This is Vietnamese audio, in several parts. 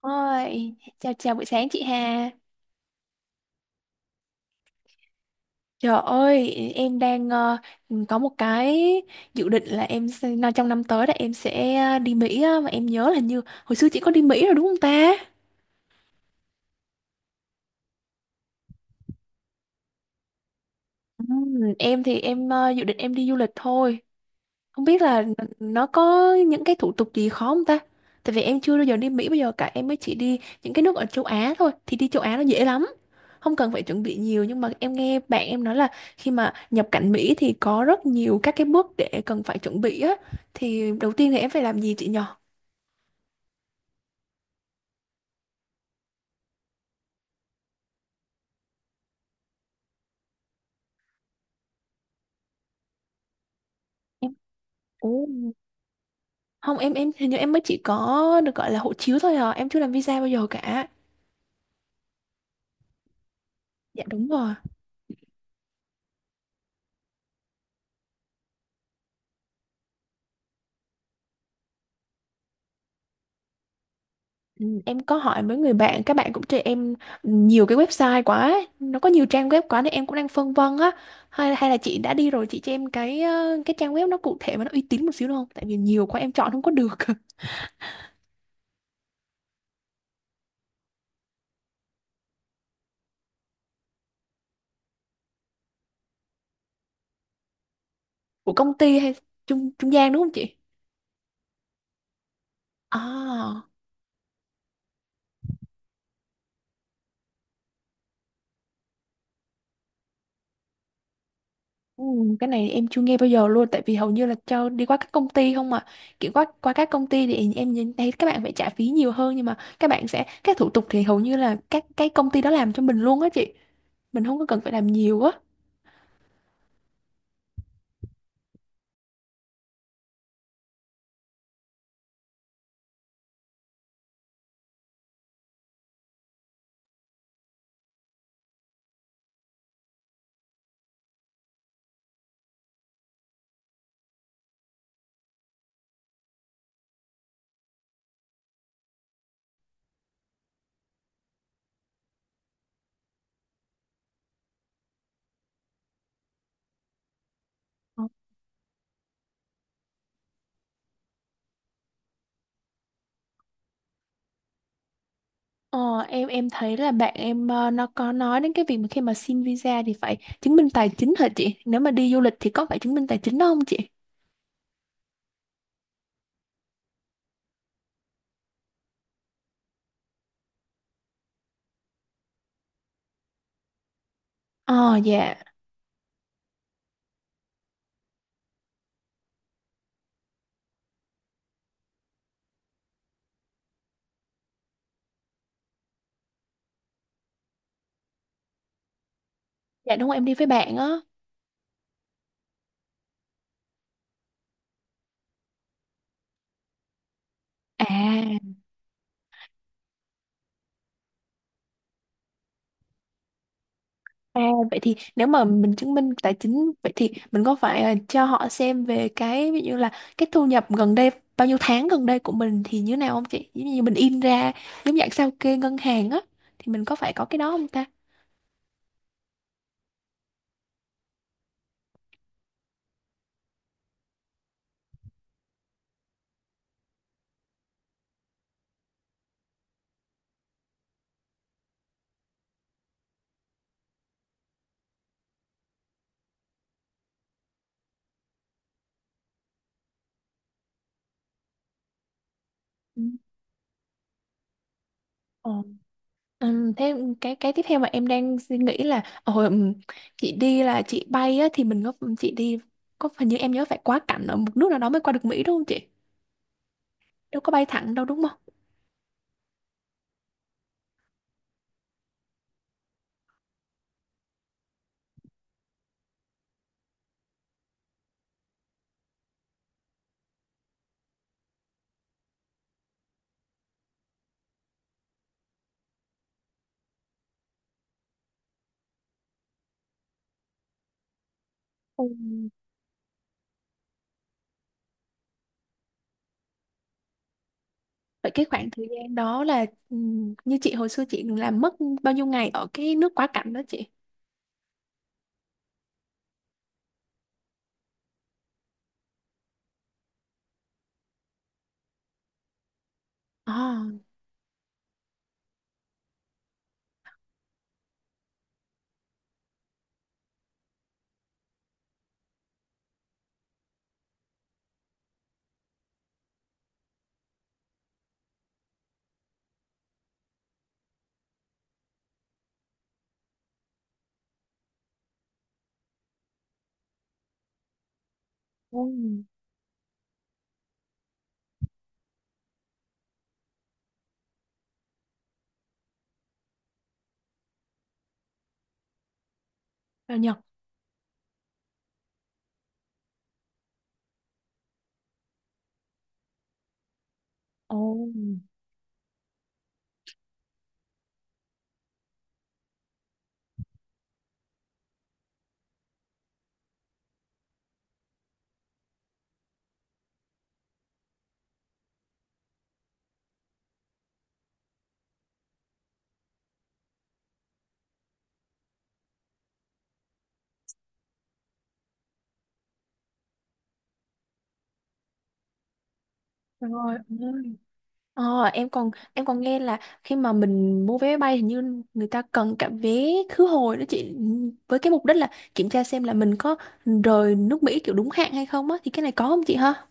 Ôi, chào chào buổi sáng chị Hà. Trời ơi, em đang có một cái dự định là nó trong năm tới là em sẽ đi Mỹ á, mà em nhớ là như hồi xưa chị có đi Mỹ rồi đúng không ta? Ừ, em thì em dự định em đi du lịch thôi. Không biết là nó có những cái thủ tục gì khó không ta? Tại vì em chưa bao giờ đi Mỹ, bây giờ cả em mới chỉ đi những cái nước ở châu Á thôi, thì đi châu Á nó dễ lắm. Không cần phải chuẩn bị nhiều, nhưng mà em nghe bạn em nói là khi mà nhập cảnh Mỹ thì có rất nhiều các cái bước để cần phải chuẩn bị á. Thì đầu tiên thì em phải làm gì chị nhờ? Em. Ồ, không, em hình như em mới chỉ có được gọi là hộ chiếu thôi à, em chưa làm visa bao giờ cả. Dạ đúng rồi. Ừ, em có hỏi mấy người bạn, các bạn cũng cho em nhiều cái website quá, ấy. Nó có nhiều trang web quá nên em cũng đang phân vân á. Hay hay là chị đã đi rồi chị cho em cái cái trang web nó cụ thể mà nó uy tín một xíu được không? Tại vì nhiều quá em chọn không có được. Của công ty hay trung trung gian đúng không chị? À, ừ, cái này em chưa nghe bao giờ luôn, tại vì hầu như là cho đi qua các công ty không mà, kiểu qua qua các công ty thì em nhìn thấy các bạn phải trả phí nhiều hơn, nhưng mà các bạn sẽ các thủ tục thì hầu như là các cái công ty đó làm cho mình luôn á chị, mình không có cần phải làm nhiều á. Ờ, em thấy là bạn em nó có nói đến cái việc mà khi mà xin visa thì phải chứng minh tài chính hả chị? Nếu mà đi du lịch thì có phải chứng minh tài chính đó không chị? Ờ dạ, dạ đúng rồi, em đi với bạn á. À, à vậy thì nếu mà mình chứng minh tài chính vậy thì mình có phải cho họ xem về cái ví dụ là cái thu nhập gần đây, bao nhiêu tháng gần đây của mình thì như nào không chị? Giống như mình in ra giống dạng sao kê ngân hàng á, thì mình có phải có cái đó không ta? Ừ. Thế cái tiếp theo mà em đang suy nghĩ là hồi chị đi là chị bay á, thì mình có, chị đi có, hình như em nhớ phải quá cảnh ở một nước nào đó mới qua được Mỹ đúng không chị? Đâu có bay thẳng đâu đúng không? Ừ. Vậy cái khoảng thời gian đó là, như chị hồi xưa chị làm mất bao nhiêu ngày ở cái nước quá cảnh đó chị? À, ừ, vào Nhật. Ồ, rồi. Ờ, em còn nghe là khi mà mình mua vé máy bay hình như người ta cần cả vé khứ hồi đó chị, với cái mục đích là kiểm tra xem là mình có rời nước Mỹ kiểu đúng hạn hay không á, thì cái này có không chị ha?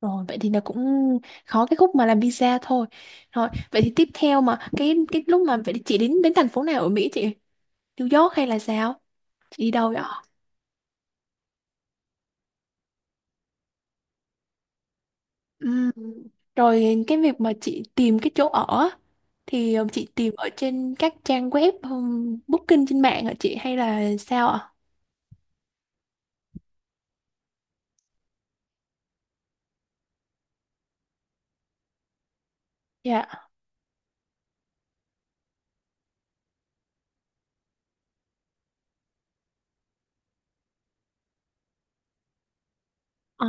Rồi vậy thì là cũng khó cái khúc mà làm visa thôi. Rồi vậy thì tiếp theo mà cái lúc mà vậy thì chị đến đến thành phố nào ở Mỹ chị? New York hay là sao? Chị đi đâu vậy? Ừm, Rồi cái việc mà chị tìm cái chỗ ở á, thì chị tìm ở trên các trang web, booking trên mạng hả chị hay là sao ạ? Dạ. Ồ,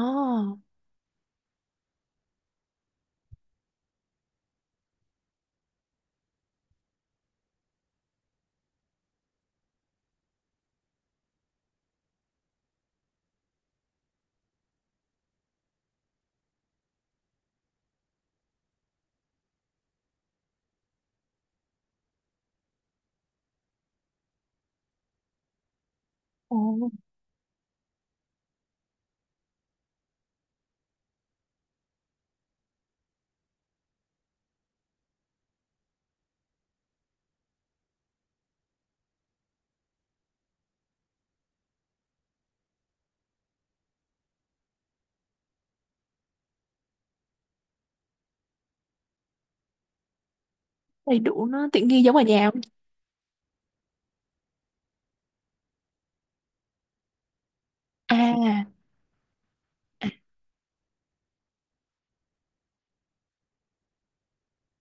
ồ, đầy đủ nó tiện nghi giống ở nhà không? À,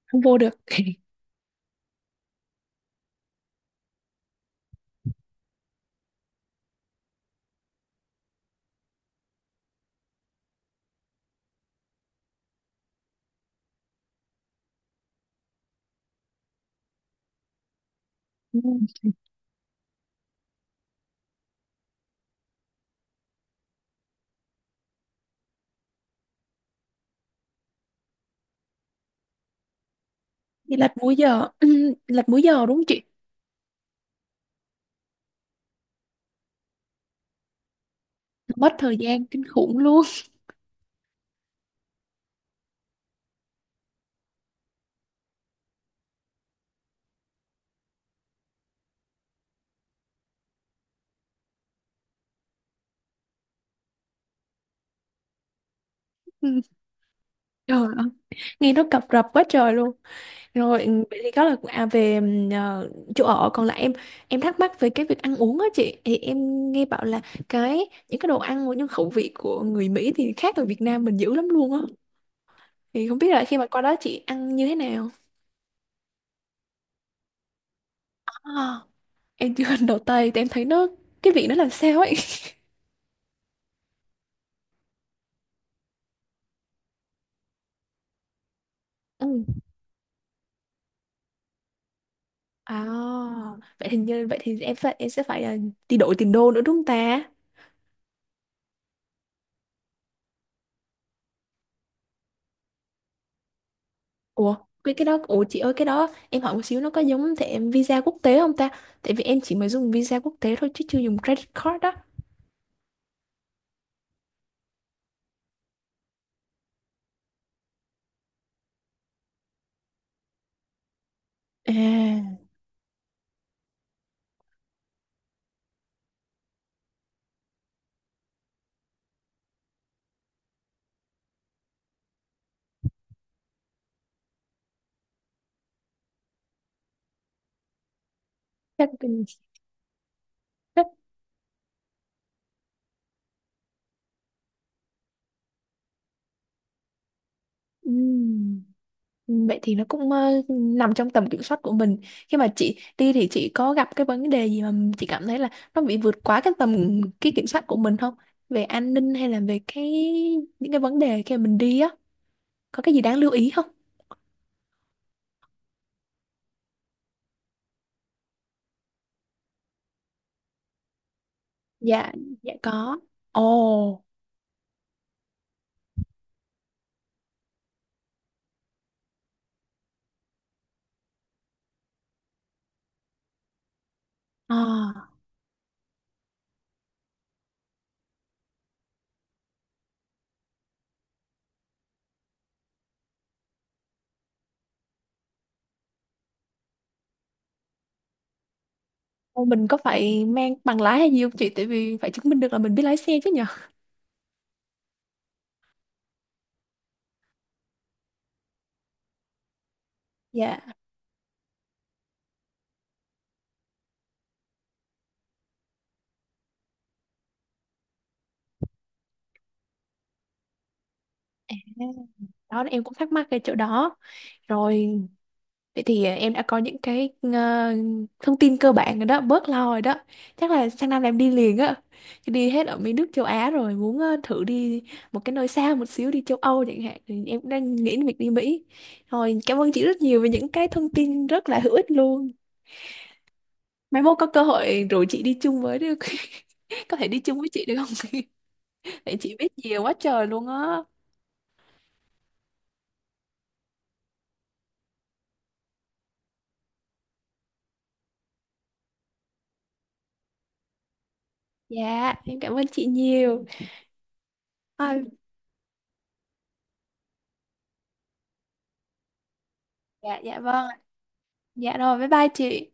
không vô được. Ừ, đi lật múi giờ, lật múi giờ đúng không chị? Mất thời gian kinh khủng luôn. Ừ, trời ơi, nghe nó cập rập quá trời luôn. Rồi ừ, vậy thì đó là à, về chỗ ở. Còn lại em thắc mắc về cái việc ăn uống á chị, thì em nghe bảo là cái những cái đồ ăn của những khẩu vị của người Mỹ thì khác ở Việt Nam mình dữ lắm luôn á, thì không biết là khi mà qua đó chị ăn như thế nào. À, em chưa ăn đồ Tây thì em thấy nó cái vị nó làm sao ấy. Ừ. À vậy thì như vậy thì em phải em sẽ phải đi đổi tiền đô nữa đúng không ta? Ủa, cái đó, ủa chị ơi cái đó em hỏi một xíu, nó có giống thẻ visa quốc tế không ta? Tại vì em chỉ mới dùng visa quốc tế thôi chứ chưa dùng credit card đó. À, chắc, chắc, ừm, vậy thì nó cũng nằm trong tầm kiểm soát của mình. Khi mà chị đi thì chị có gặp cái vấn đề gì mà chị cảm thấy là nó bị vượt quá cái tầm kiểm soát của mình không? Về an ninh hay là về cái những cái vấn đề khi mà mình đi á, có cái gì đáng lưu ý không? Dạ, dạ có. Ồ, à. Ô, mình có phải mang bằng lái hay gì không chị? Tại vì phải chứng minh được là mình biết lái xe chứ nhở? Dạ. Đó em cũng thắc mắc cái chỗ đó. Rồi vậy thì à, em đã có những cái thông tin cơ bản rồi đó, bớt lo rồi đó. Chắc là sang năm là em đi liền á. Chứ đi hết ở mấy nước châu Á rồi, muốn thử đi một cái nơi xa một xíu, đi châu Âu chẳng hạn. Thì em cũng đang nghĩ đến việc đi Mỹ. Rồi cảm ơn chị rất nhiều về những cái thông tin rất là hữu ích luôn. Mai mốt có cơ hội rủ chị đi chung với được. Có thể đi chung với chị được không? Vậy chị biết nhiều quá trời luôn á. Dạ, em cảm ơn chị nhiều. Thôi, dạ, dạ vâng ạ. Dạ rồi, bye bye chị.